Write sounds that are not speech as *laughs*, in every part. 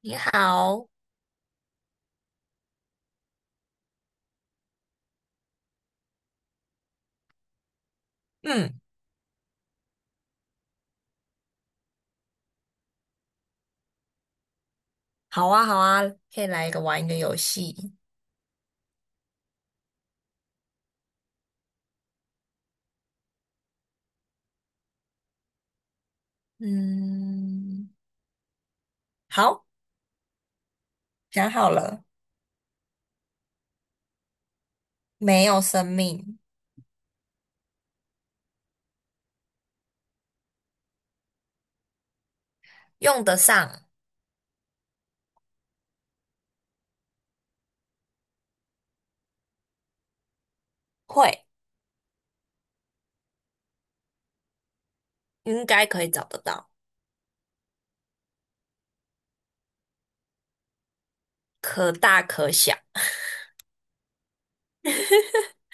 你好。嗯。好啊，好啊，可以来一个玩一个游戏。嗯。好。想好了。没有生命。用得上。会。应该可以找得到。可大可小。*laughs*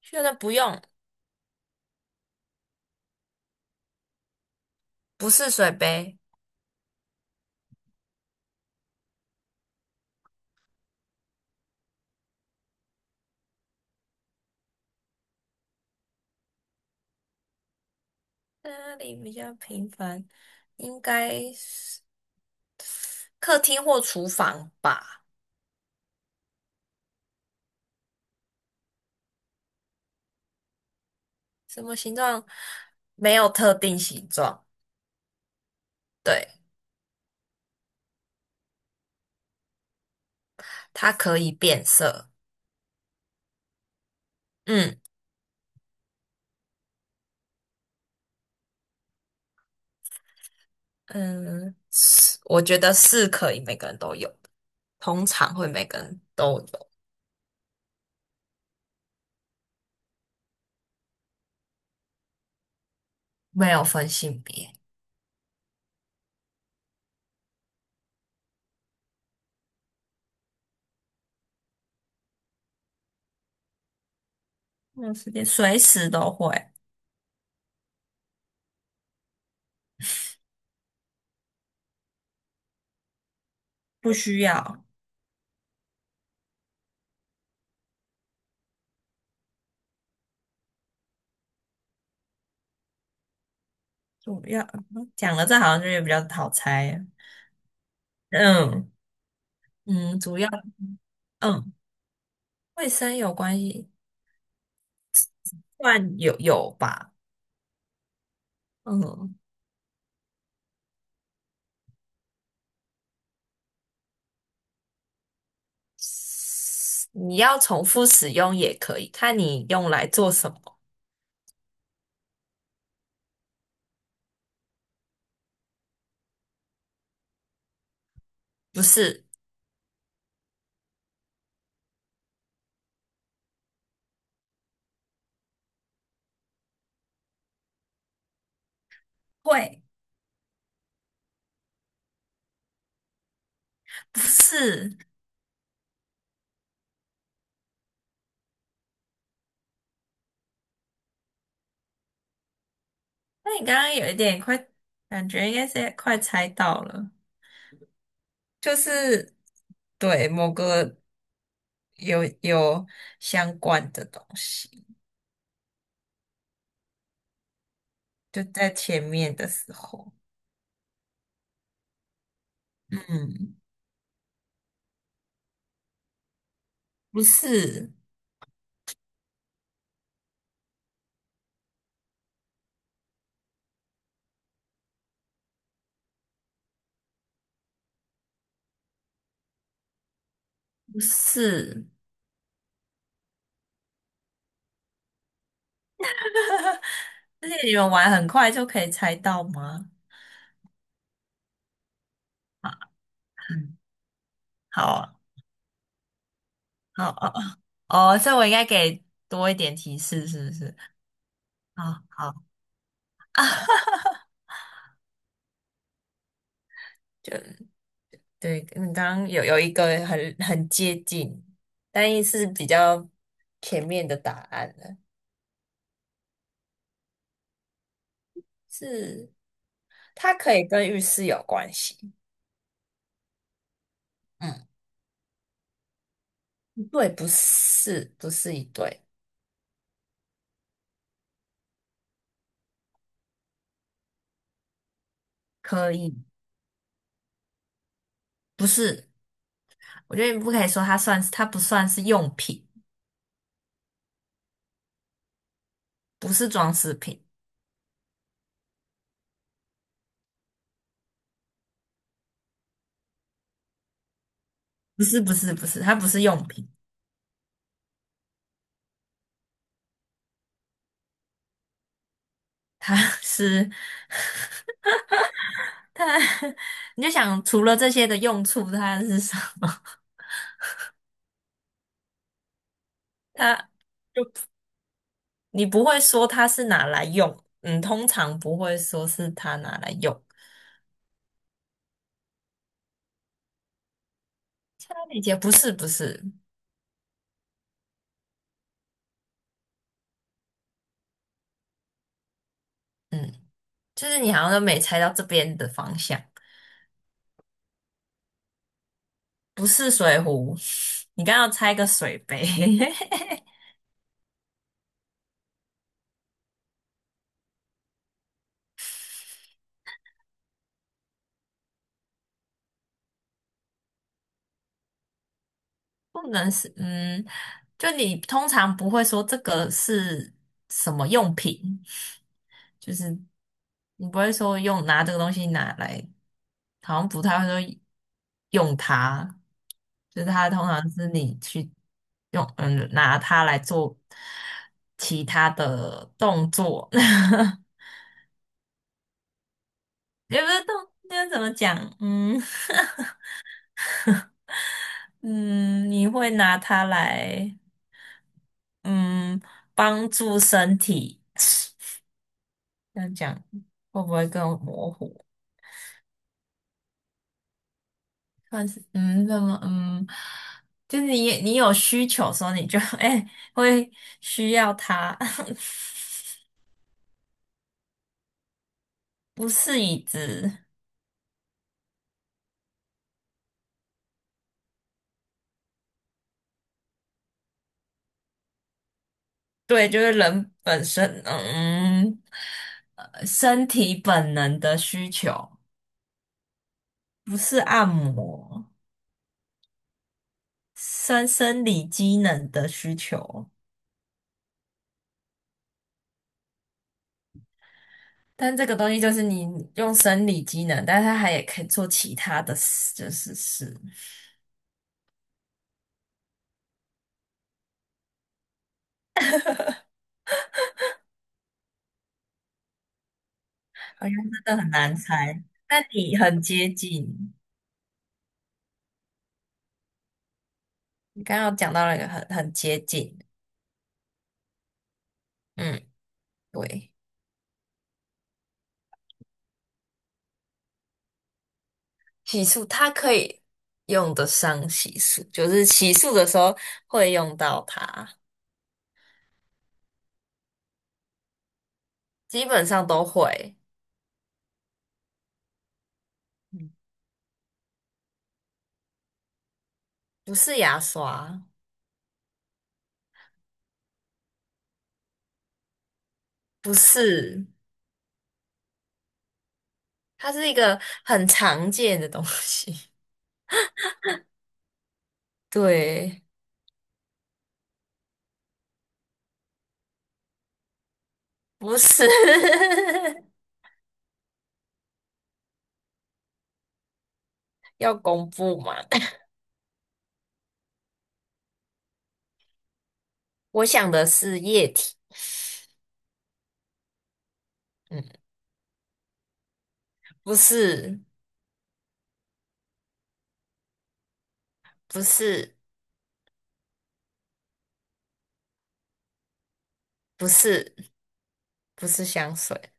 确认不用。不是水杯。哪里比较平凡，应该是客厅或厨房吧。什么形状？没有特定形状。对，它可以变色。嗯。嗯，是，我觉得是可以每个人都有，的，通常会每个人都有。没有分性别。没有时间，随时都会。不需要。主要讲了这好像就是比较好猜啊。嗯嗯，主要嗯，卫生有关系，算有吧，嗯。*sniffs* 你要重复使用也可以，看你用来做什么。不是会，不是。那你刚刚有一点快，感觉应该是快猜到了。就是对某个有相关的东西，就在前面的时候。嗯。不是不是。而且你们玩很快就可以猜到吗？啊。嗯。好啊，好啊。哦，所以我应该给多一点提示，是不是？啊，好啊。*laughs* 哈哈哈就。对，你刚刚有一个很接近，但也是比较前面的答案了。是它可以跟浴室有关系。嗯。对，不是，不是一对。可以。不是。我觉得你不可以说它算是，它不算是用品。不是装饰品。不是，不是，不是，它不是用品。它 *laughs* 是它。*laughs* 你就想除了这些的用处，它是什么？*laughs* 它。就。你不会说它是拿来用。嗯，通常不会说是它拿来用。理姐不是不是。嗯，就是你好像都没猜到这边的方向。不是水壶。*laughs* 你刚刚要猜个水杯。*laughs* 不能是。嗯，就你通常不会说这个是什么用品。就是你不会说用拿这个东西拿来，好像不太会说用它。就是它通常是你去用。嗯，拿它来做其他的动作。*laughs* 也不是动，那怎么讲？嗯，*laughs* 嗯，你会拿它来，嗯，帮助身体，这样讲会不会更模糊？但是怎么,就是你有需求的时候，你就 *laughs* 哎、会需要它。*laughs* 不是椅子。对，就是人本身,身体本能的需求。不是按摩。生生理机能的需求。但这个东西就是你用生理机能，但是它还也可以做其他的事，就是事。好像真的很难猜，但你很接近。你刚刚有讲到了一个很接近。嗯。对。洗漱它可以用得上洗漱，就是洗漱的时候会用到它。基本上都会。嗯。不是牙刷。不是，它是一个很常见的东西。*laughs* 对。不是。*laughs* 要公布嘛？*laughs* 我想的是液体。嗯。不是，不是，不是，不是香水。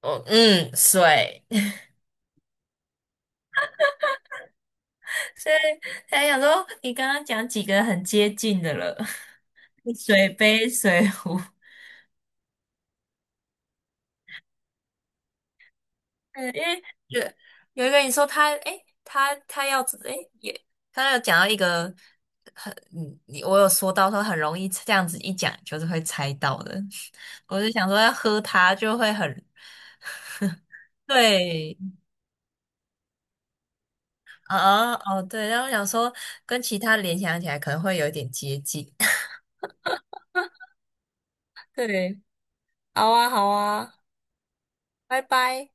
哦，嗯，水。所以才想说，你刚刚讲几个很接近的了。*laughs* 水杯、水壶。嗯，因为有有一个你说他，诶，他他要诶，也他有讲到一个很，嗯，你我有说到说很容易这样子一讲就是会猜到的。*laughs* 我就想说要喝它就会很对。啊哦对，然后我想说跟其他联想起来可能会有一点接近。*laughs* 对。好啊好啊。拜拜。